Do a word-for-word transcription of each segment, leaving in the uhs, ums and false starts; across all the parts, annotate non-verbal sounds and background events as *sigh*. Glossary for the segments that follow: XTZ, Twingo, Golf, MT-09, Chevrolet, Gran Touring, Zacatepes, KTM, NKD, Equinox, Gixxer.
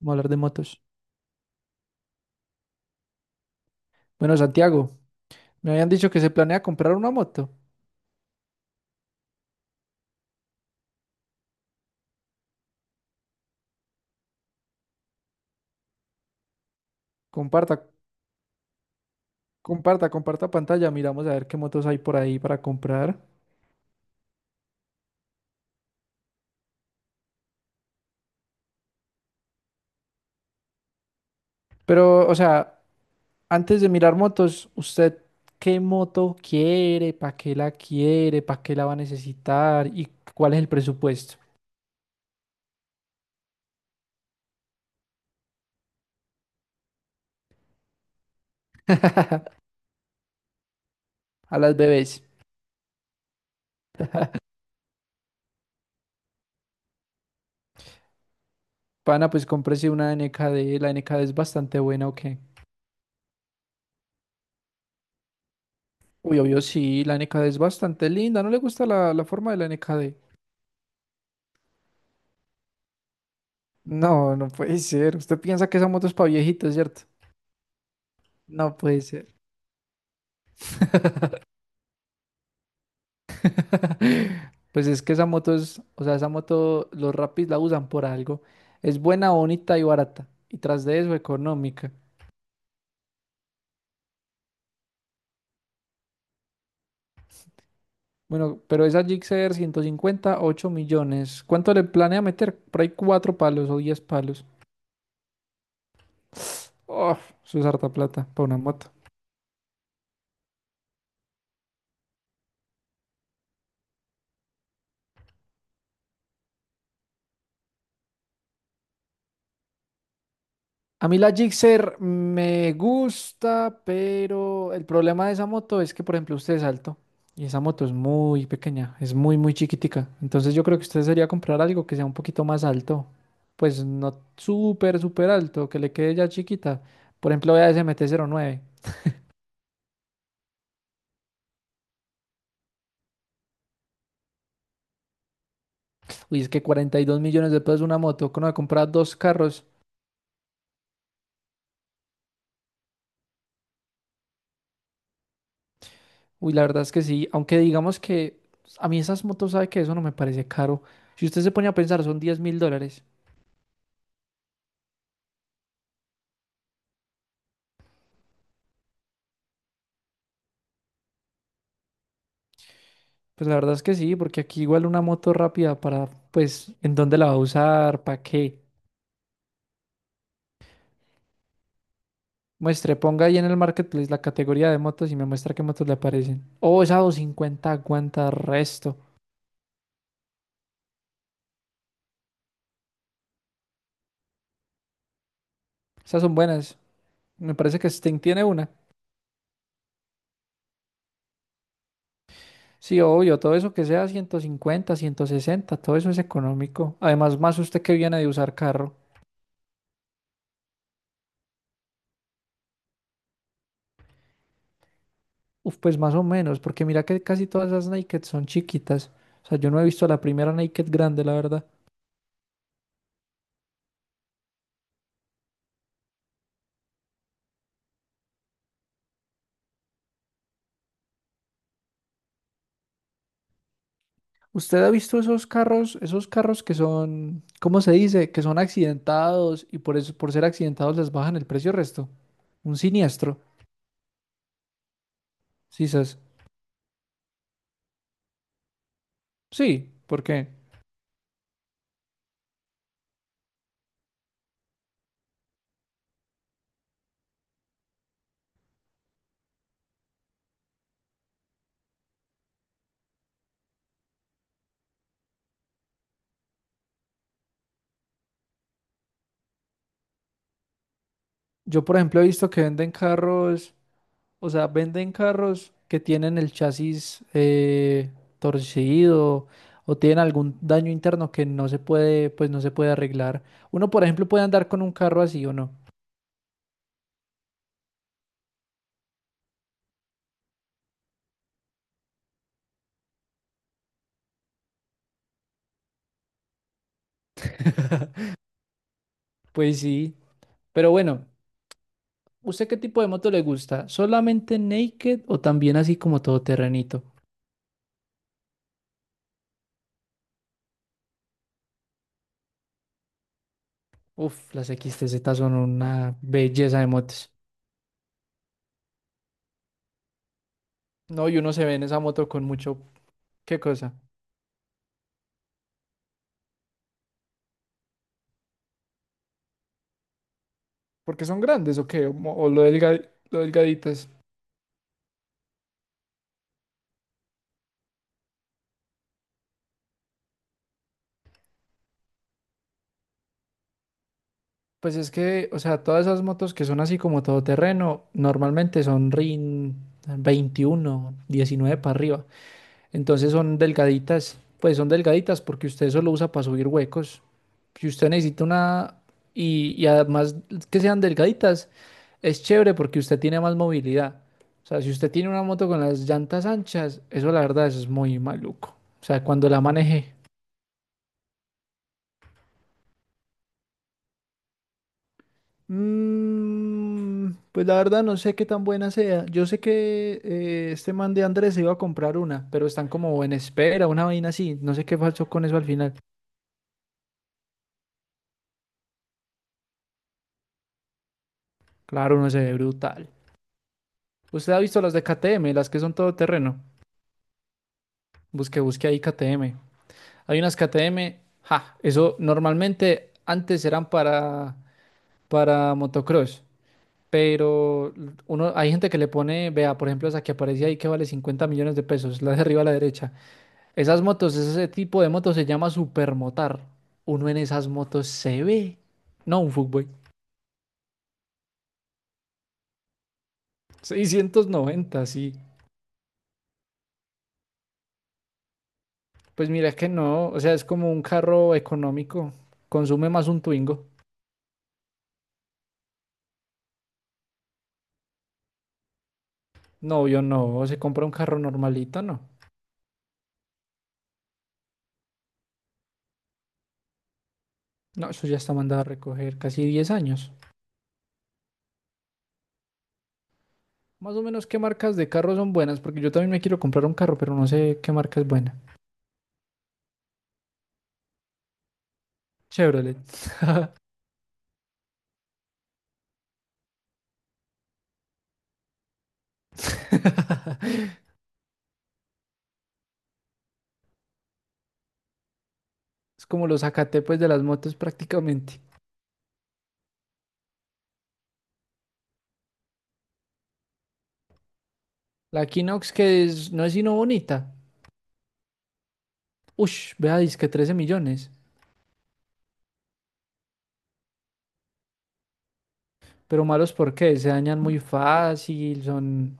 Vamos a hablar de motos. Bueno, Santiago, me habían dicho que se planea comprar una moto. Comparta, comparta, comparta pantalla. Miramos a ver qué motos hay por ahí para comprar. Pero, o sea, antes de mirar motos, ¿usted qué moto quiere? ¿Para qué la quiere? ¿Para qué la va a necesitar? ¿Y cuál es el presupuesto? *laughs* A las bebés. Pana, pues cómprese una N K D. La N K D es bastante buena, ¿o qué? Uy, obvio, sí, la N K D es bastante linda. ¿No le gusta la, la forma de la N K D? No, no puede ser. Usted piensa que esa moto es para viejitos, ¿cierto? No puede ser. *laughs* Pues es que esa moto es, o sea, esa moto los rapis la usan por algo. Es buena, bonita y barata. Y tras de eso, económica. Bueno, pero esa Gixxer ciento cincuenta, ocho millones. ¿Cuánto le planea meter? Por ahí cuatro palos o diez palos. *sighs* Oh, eso es harta plata para una moto. A mí la Gixxer me gusta, pero el problema de esa moto es que, por ejemplo, usted es alto y esa moto es muy pequeña, es muy, muy chiquitica. Entonces yo creo que usted sería comprar algo que sea un poquito más alto, pues no súper, súper alto, que le quede ya chiquita. Por ejemplo, vea ese M T cero nueve. Uy, es que cuarenta y dos millones de pesos una moto, que uno de comprar dos carros. Uy, la verdad es que sí, aunque digamos que a mí esas motos, sabe que eso no me parece caro. Si usted se pone a pensar, son diez mil dólares. Pues la verdad es que sí, porque aquí igual una moto rápida para, pues, en dónde la va a usar, para qué. Muestre, ponga ahí en el marketplace la categoría de motos y me muestra qué motos le aparecen. Oh, esa doscientos cincuenta aguanta resto. Esas son buenas. Me parece que Sting tiene una. Sí, obvio, todo eso que sea ciento cincuenta, ciento sesenta, todo eso es económico. Además, más usted que viene de usar carro. Uf, pues más o menos, porque mira que casi todas esas Naked son chiquitas. O sea, yo no he visto la primera Naked grande, la verdad. ¿Usted ha visto esos carros, esos carros que son, ¿cómo se dice? Que son accidentados y por eso, por ser accidentados les bajan el precio resto. Un siniestro, sí, sas. Sí, porque yo, por ejemplo, he visto que venden carros, o sea, venden carros que tienen el chasis eh, torcido o tienen algún daño interno que no se puede, pues no se puede arreglar. Uno, por ejemplo, puede andar con un carro así o no. *laughs* Pues sí, pero bueno. ¿Usted qué tipo de moto le gusta? ¿Solamente naked o también así como todoterrenito? Uf, las X T Z son una belleza de motos. No, y uno se ve en esa moto con mucho... ¿Qué cosa? ¿Porque son grandes o qué? ¿O, mo- o lo delga- lo delgaditas? Pues es que, o sea, todas esas motos que son así como todoterreno, normalmente son RIN veintiuno, diecinueve para arriba. Entonces son delgaditas, pues son delgaditas porque usted solo usa para subir huecos. Si usted necesita una, y, y además que sean delgaditas, es chévere porque usted tiene más movilidad. O sea, si usted tiene una moto con las llantas anchas, eso la verdad eso es muy maluco. O sea, cuando la maneje. Mm, pues la verdad no sé qué tan buena sea. Yo sé que eh, este man de Andrés se iba a comprar una, pero están como en espera, una vaina así. No sé qué pasó con eso al final. Claro, no se ve brutal. ¿Usted ha visto las de K T M, las que son todo terreno? Busque, busque ahí K T M. Hay unas K T M, ja, eso normalmente antes eran para, para motocross, pero uno, hay gente que le pone, vea, por ejemplo, esa que aparece ahí que vale cincuenta millones de pesos, la de arriba a la derecha. Esas motos, ese tipo de motos se llama supermotar. Uno en esas motos se ve. No, un fuckboy. Seiscientos noventa, sí. Pues mira que no, o sea, es como un carro económico, consume más un Twingo. No, yo no. Se compra un carro normalito, no. No, eso ya está mandado a recoger casi diez años. Más o menos, ¿qué marcas de carro son buenas? Porque yo también me quiero comprar un carro, pero no sé qué marca es buena. Chevrolet. *laughs* Es como los Zacatepes de las motos prácticamente. La Equinox que es- no es sino bonita. Ush, vea, que trece millones. Pero malos porque se dañan muy fácil, son...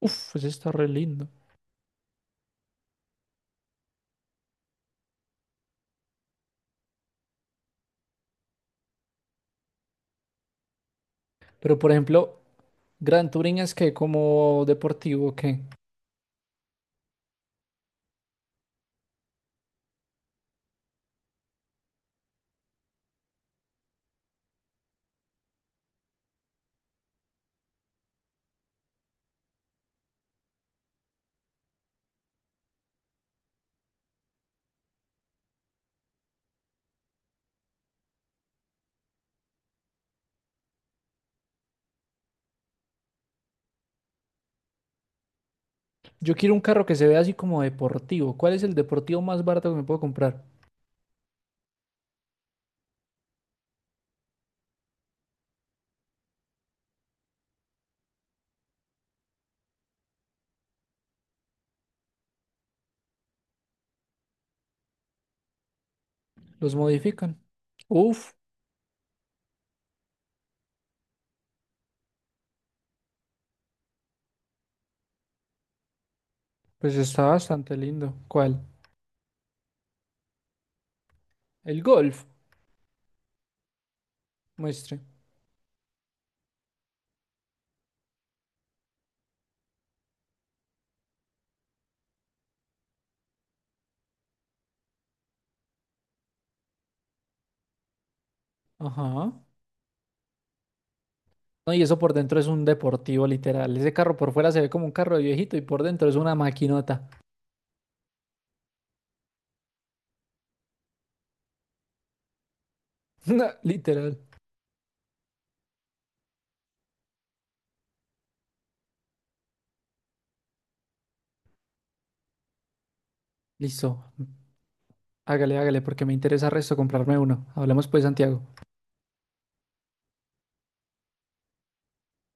Uf, ese está re lindo. Pero por ejemplo, Gran Touring es que como deportivo, ¿qué? Yo quiero un carro que se vea así como deportivo. ¿Cuál es el deportivo más barato que me puedo comprar? ¿Los modifican? Uf, pues está bastante lindo. ¿Cuál? El Golf. Muestre. Ajá. No, y eso por dentro es un deportivo, literal. Ese carro por fuera se ve como un carro de viejito y por dentro es una maquinota. *laughs* No, literal. Listo. Hágale, hágale, porque me interesa resto comprarme uno. Hablemos pues, Santiago.